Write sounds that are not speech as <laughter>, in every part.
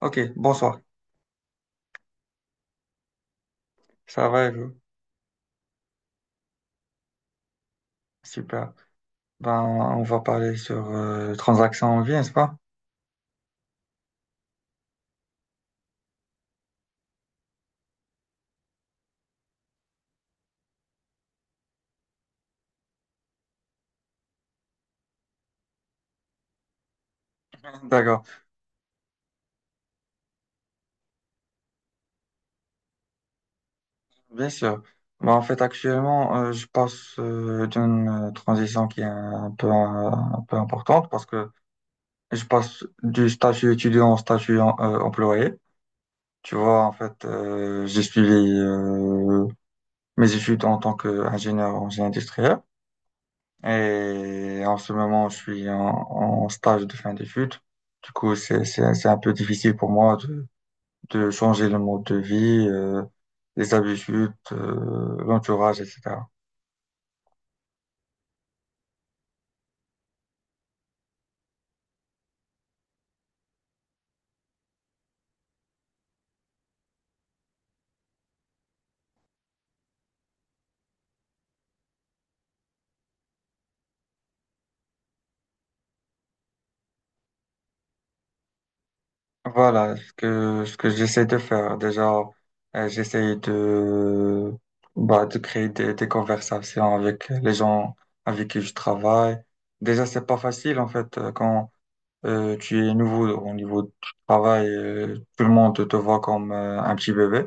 Ok, bonsoir. Ça va et vous? Super. Ben, on va parler sur transactions en vie, n'est-ce pas? D'accord, bien sûr. Ben, en fait, actuellement, je passe d'une transition qui est un peu importante parce que je passe du statut étudiant au statut employé. Tu vois, en fait, j'ai suivi euh, mes études en tant qu'ingénieur en génie industriel. Et en ce moment, je suis en stage de fin d'études. Du coup, c'est un peu difficile pour moi de changer le mode de vie, les habitudes, l'entourage, etc. Voilà ce que j'essaie de faire. Déjà, j'essaie bah, de créer des conversations avec les gens avec qui je travaille. Déjà, c'est pas facile, en fait, quand tu es nouveau au niveau du travail, tout le monde te voit comme un petit bébé,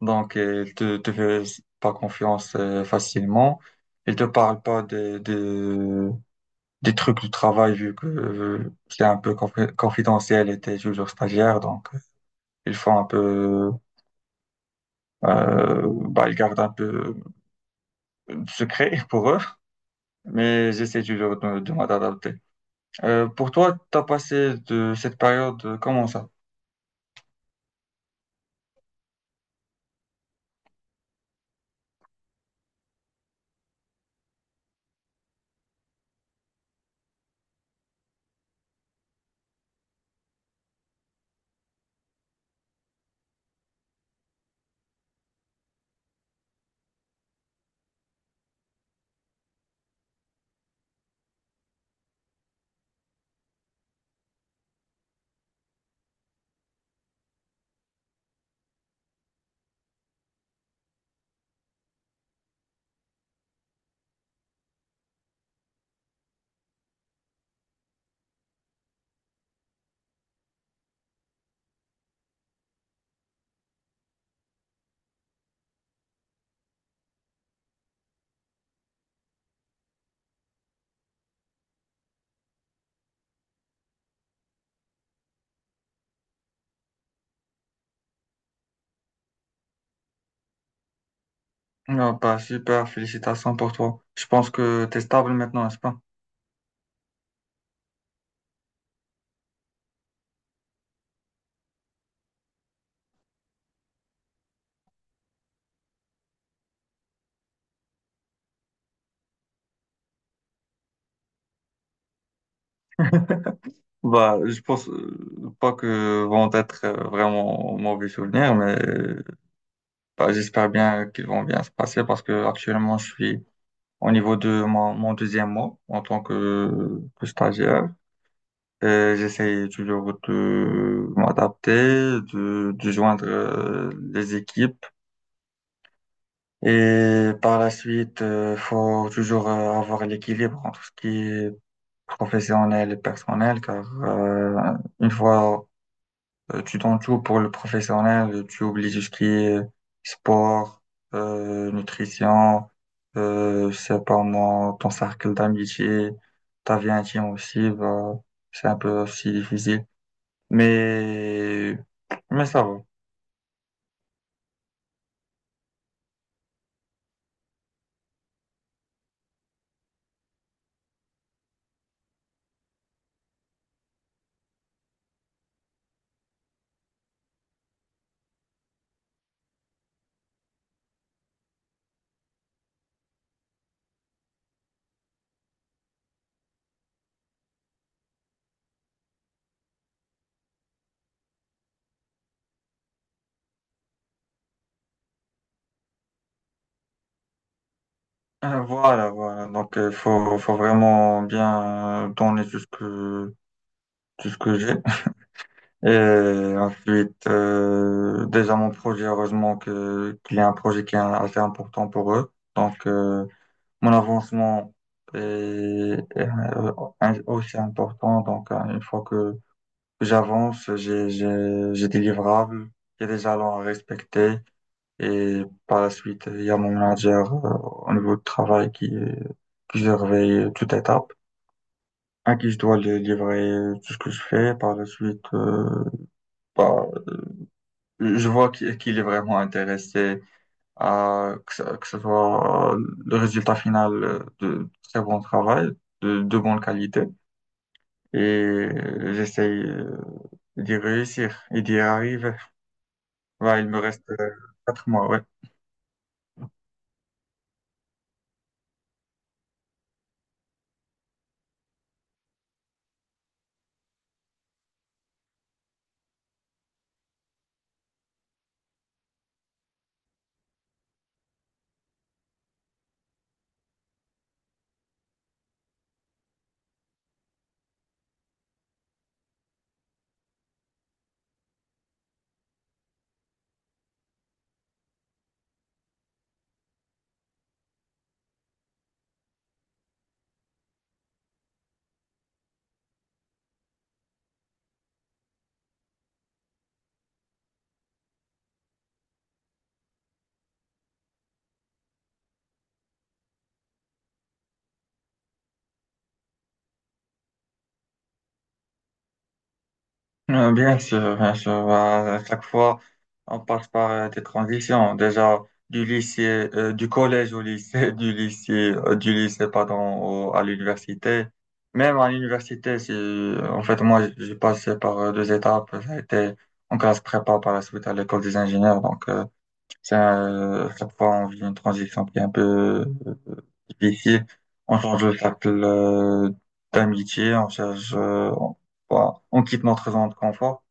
donc il te fait pas confiance facilement. Il te parle pas des trucs du travail vu que c'est un peu confidentiel et t'es toujours stagiaire, donc ils font un peu, bah, ils gardent un peu de secret <laughs> pour eux. Mais j'essaie toujours de m'adapter. Pour toi, t'as passé de cette période comment ça? Ah bah super, félicitations pour toi. Je pense que t'es stable maintenant, n'est-ce pas? Bah, je pense pas que vont être vraiment mauvais souvenirs, mais bah, j'espère bien qu'ils vont bien se passer parce que actuellement je suis au niveau de mon deuxième mois en tant que stagiaire. Et j'essaie toujours de m'adapter, de joindre les équipes. Et par la suite, il faut toujours avoir l'équilibre entre ce qui est professionnel et personnel, car une fois tu donnes tout pour le professionnel, tu oublies tout ce qui est sport, nutrition, je sais pas moi, ton cercle d'amitié, ta vie intime aussi, bah, c'est un peu aussi difficile. Mais, mais ça va. <laughs> Voilà, voilà. Donc, faut vraiment bien donner tout ce que j'ai. Et ensuite, déjà mon projet, heureusement que qu'il y a un projet qui est assez important pour eux. Donc, mon avancement est, est, euh, aussi important. Donc, une fois que j'avance, j'ai des livrables, il y a des jalons à respecter. Et par la suite, il y a mon manager au niveau de travail qui surveille toute étape, à qui je dois le livrer tout ce que je fais. Par la suite, bah, Je vois qu'il est vraiment intéressé à que ce soit le résultat final de très bon travail, de bonne qualité. Et j'essaye d'y réussir et d'y arriver. Ouais, il me reste quatre mois, ouais. Bien sûr, bien sûr. À chaque fois, on passe par des transitions. Déjà, du collège au lycée, <laughs> du lycée, pardon, à l'université. Même à l'université, c'est, en fait, moi, j'ai passé par deux étapes. Ça a été en classe prépa par la suite à l'école des ingénieurs. Donc, chaque fois, on vit une transition qui est un peu euh, difficile. On change de cercle d'amitié, on cherche, voilà, on quitte notre zone de confort.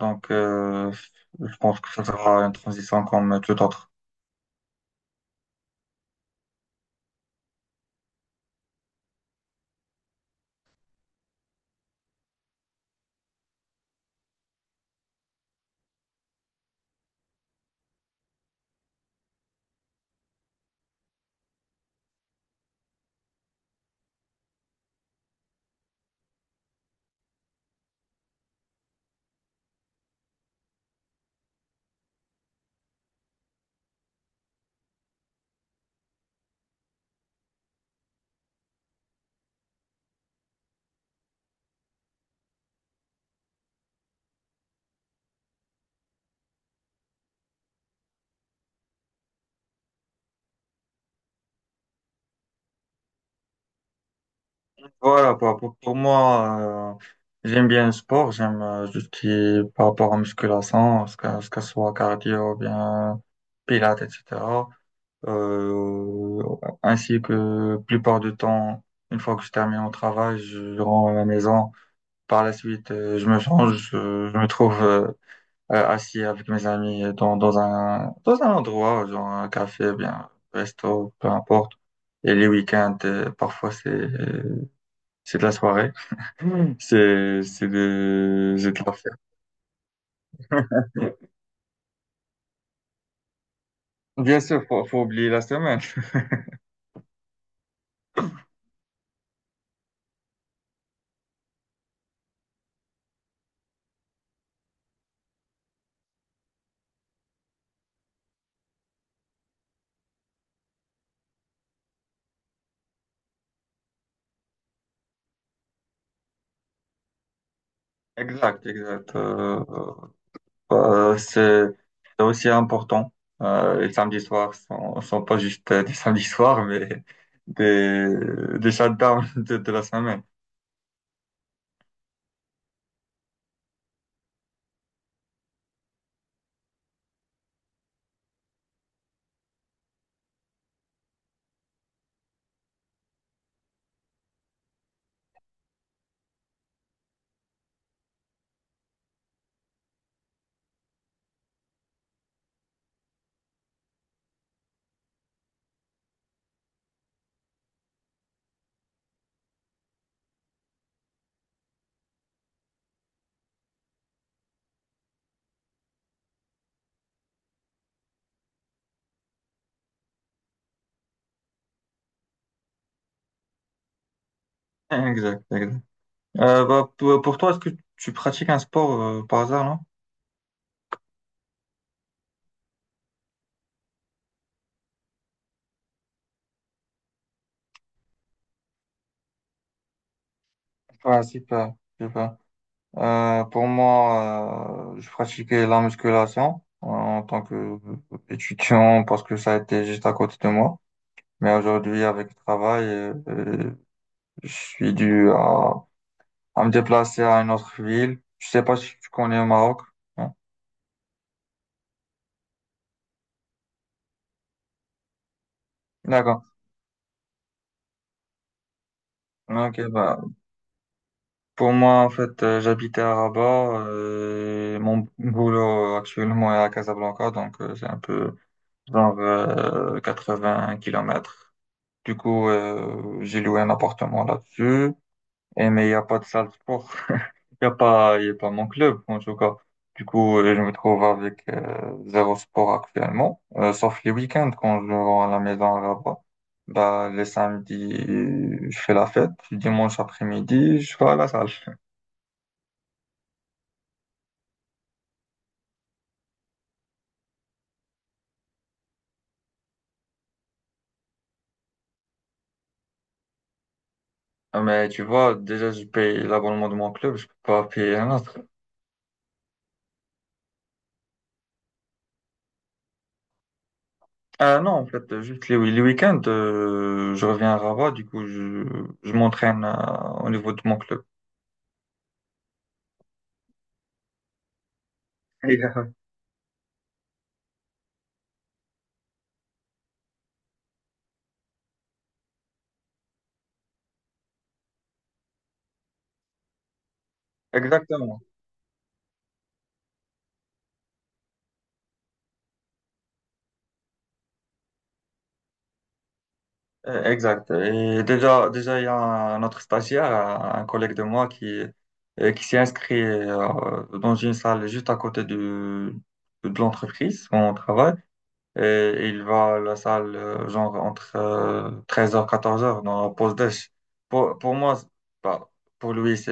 Donc, je pense que ça sera une transition comme tout autre. Voilà, quoi. Pour moi, j'aime bien le sport, j'aime tout ce qui est par rapport à musculation, ce soit cardio, bien pilates, etc. Euh, Ainsi que plupart du temps, une fois que je termine mon travail, je rentre à la maison. Par la suite, je me change, je me trouve assis avec mes amis dans un endroit, genre un café, bien, resto, peu importe. Et les week-ends, parfois, c'est de la soirée. Mm. <laughs> C'est de la fête. <laughs> Bien sûr, faut oublier la semaine. <laughs> Exact, exact. Euh, c'est c'est aussi important. Les samedis soirs sont pas juste des <laughs> samedis soirs, mais des, des shutdowns <laughs> de la semaine. Exact, exact. Bah, pour toi, est-ce que tu pratiques un sport par hasard, non? Ouais, super, super. Pour moi, je pratiquais la musculation en tant que étudiant parce que ça était juste à côté de moi. Mais aujourd'hui, avec le travail, je suis dû à me déplacer à une autre ville. Je sais pas si tu connais le Maroc. Non. D'accord. Ok, bah, pour moi, en fait, j'habitais à Rabat, mon boulot actuellement est à Casablanca, donc c'est un peu genre 80 kilomètres. Du coup, j'ai loué un appartement là-dessus. Eh, mais il n'y a pas de salle de sport. <laughs> Il n'y a pas, il y a pas mon club, en tout cas. Du coup, je me trouve avec zéro sport actuellement, sauf les week-ends quand je rentre à la maison à Rabat. Bah, les samedis, je fais la fête. Le dimanche après-midi, je vais à la salle. <laughs> Ah, mais tu vois, déjà, je paye l'abonnement de mon club, je peux pas payer un autre. Ah non, en fait, juste les week-ends, je reviens à Rabat, du coup, je m'entraîne au niveau de mon club. <laughs> Exactement. Exact. Et déjà, déjà, il y a un autre stagiaire, un collègue de moi qui s'est inscrit dans une salle juste à côté de l'entreprise où on travaille. Et il va à la salle, genre, entre 13h 14h, dans la pause déj. Pour, pour moi, c'est- Bah, pour lui,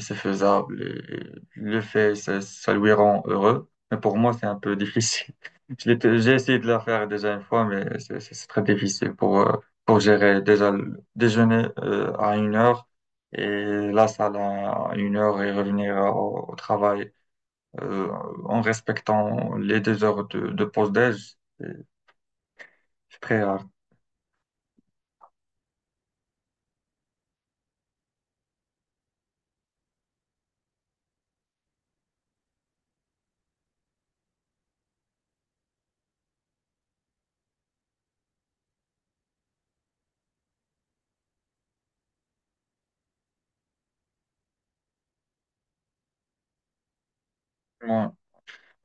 c'est faisable. Et il le fait, ça lui rend heureux. Mais pour moi, c'est un peu difficile. <laughs> J'ai essayé de la faire déjà une fois, mais c'est très difficile pour gérer déjà le déjeuner à une heure et la salle à une heure et revenir au travail euh, en respectant les deux heures de pause déj. C'est très rare. Ouais.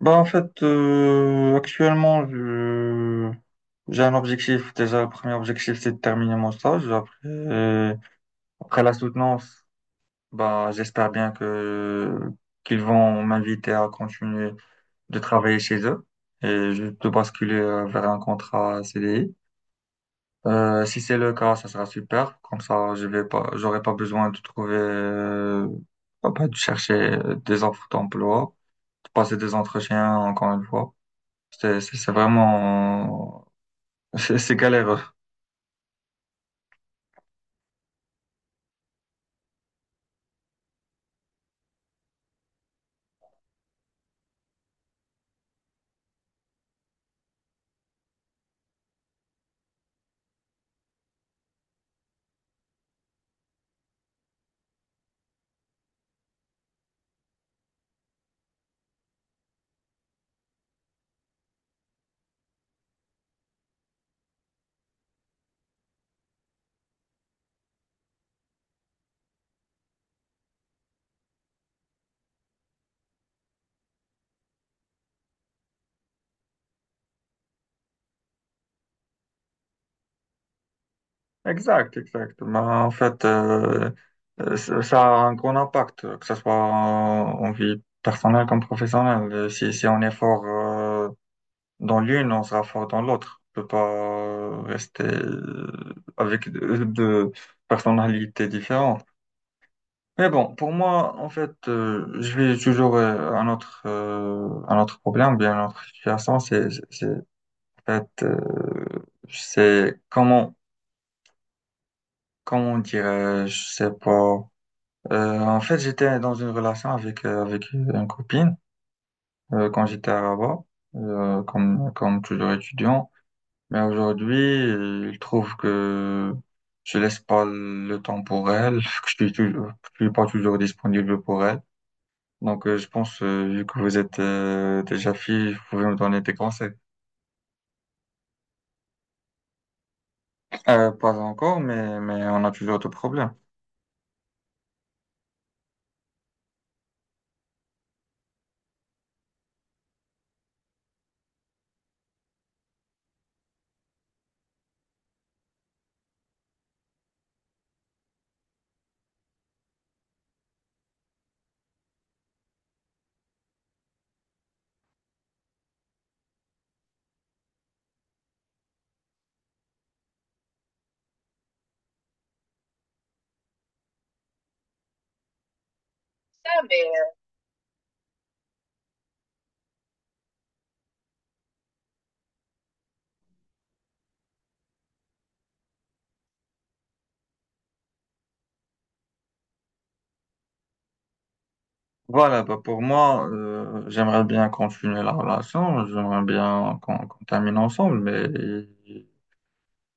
Bah, en fait, J'ai un objectif. Déjà, le premier objectif, c'est de terminer mon stage. Après la soutenance, bah, j'espère bien que qu'ils vont m'inviter à continuer de travailler chez eux de basculer vers un contrat CDI. Si c'est le cas, ça sera super. Comme ça, je vais pas, j'aurai pas besoin de trouver, pas de chercher des offres d'emploi, de passer des entretiens encore une fois. C'est vraiment, <laughs> c'est galéreux. Exact, exact. Mais en fait, ça a un grand impact, que ce soit en vie personnelle comme professionnelle. Si on est fort, dans l'une, on sera fort dans l'autre. On peut pas rester avec deux <laughs> deux personnalités différentes. Mais bon, pour moi, en fait, je vais toujours un autre problème, ou bien une autre situation, en fait, c'est comment dirais-je, je sais pas. En fait, j'étais dans une relation avec une copine quand j'étais à Rabat, comme toujours étudiant. Mais aujourd'hui, je trouve que je laisse pas le temps pour elle, <laughs> que je suis toujours, que je suis pas toujours disponible pour elle. Donc, je pense, vu que vous êtes déjà fille, vous pouvez me donner des conseils. Pas encore, mais on a toujours de problèmes. Voilà, bah pour moi, j'aimerais bien continuer la relation, j'aimerais bien qu'on termine ensemble, mais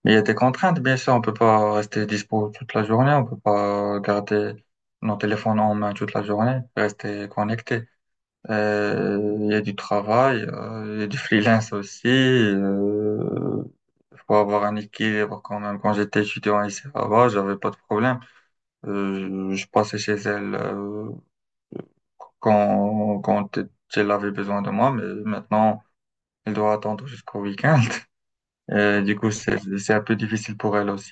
il y a des contraintes, bien sûr, on peut pas rester dispo toute la journée, on peut pas garder nos téléphones en main toute la journée, rester connecté. Il y a du travail, il y a du freelance aussi. Faut avoir un équilibre quand même. Quand j'étais étudiant ici là-bas, j'avais pas de problème. Je passais chez elle quand elle avait besoin de moi, mais maintenant elle doit attendre jusqu'au week-end. <laughs> Du coup, c'est un peu difficile pour elle aussi.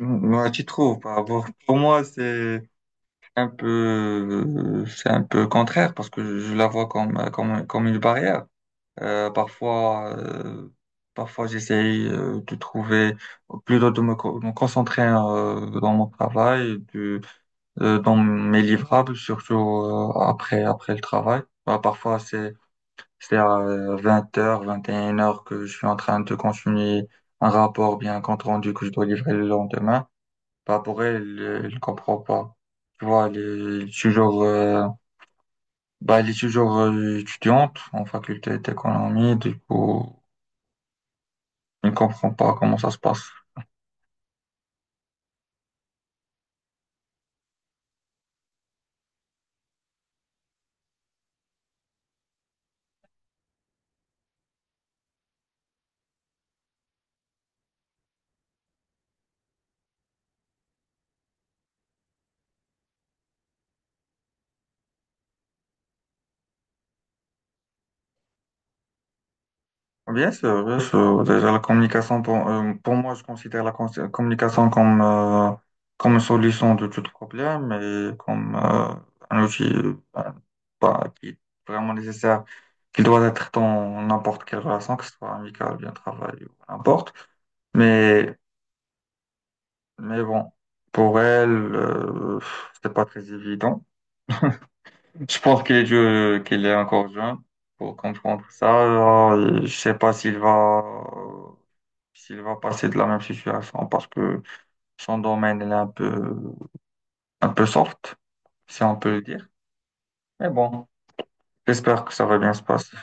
Ouais, tu trouves par rapport. Pour moi, c'est un peu contraire parce que je la vois comme une barrière. Euh, parfois, euh, Parfois j'essaye de trouver, plutôt de me concentrer dans mon travail, dans mes livrables, surtout après le travail. Bah, parfois, c'est à 20h, 21h que je suis en train de continuer un rapport, bien un compte rendu que je dois livrer le lendemain. Bah, pour elle, elle comprend pas. Tu vois, bah, elle est toujours étudiante en faculté d'économie, du coup, elle ne comprend pas comment ça se passe. Bien sûr, bien sûr. Déjà, la communication, pour moi, je considère la communication comme une solution de tout problème et comme un outil bah, qui est vraiment nécessaire, qui doit être dans n'importe quelle relation, que ce soit amicale, bien travail ou n'importe. Mais bon, pour elle, c'est pas très évident. Je pense qu'il est encore jeune pour comprendre ça. Je sais pas s'il va passer de la même situation parce que son domaine il est un peu soft, si on peut le dire. Mais bon, j'espère que ça va bien se passer.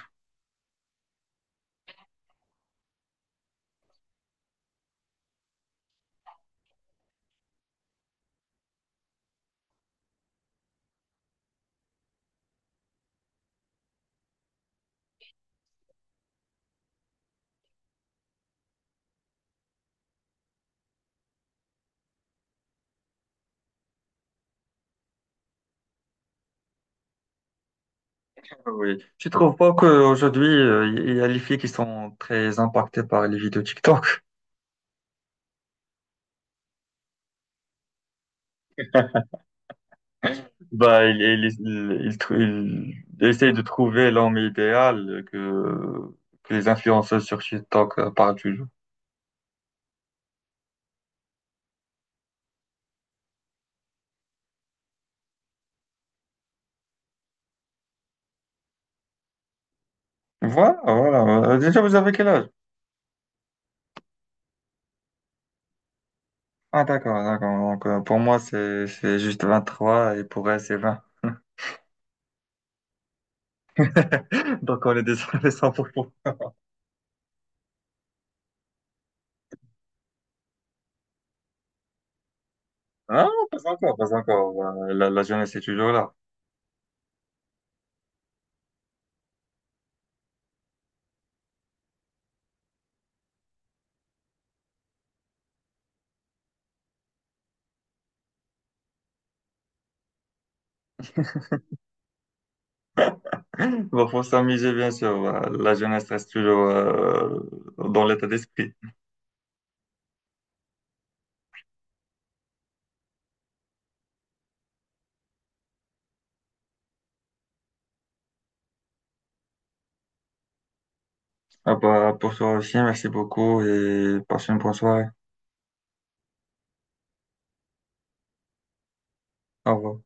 Oui. Tu trouves pas qu'aujourd'hui, il y a les filles qui sont très impactées par les vidéos TikTok? Bah, il essaye de trouver l'homme idéal que les influenceuses sur TikTok parlent toujours. Voilà, voilà. Déjà, vous avez quel âge? Ah, d'accord, d'accord. Donc, pour moi, c'est juste 23 et pour elle, c'est 20 <laughs> Donc, on est déjà <laughs> les 100%. Ah, non, pas encore, pas encore. La jeunesse est toujours là. <laughs> Bon, faut s'amuser, bien sûr. La jeunesse reste toujours dans l'état d'esprit. Ah bah, pour toi aussi, merci beaucoup et passe une bonne soirée. Au revoir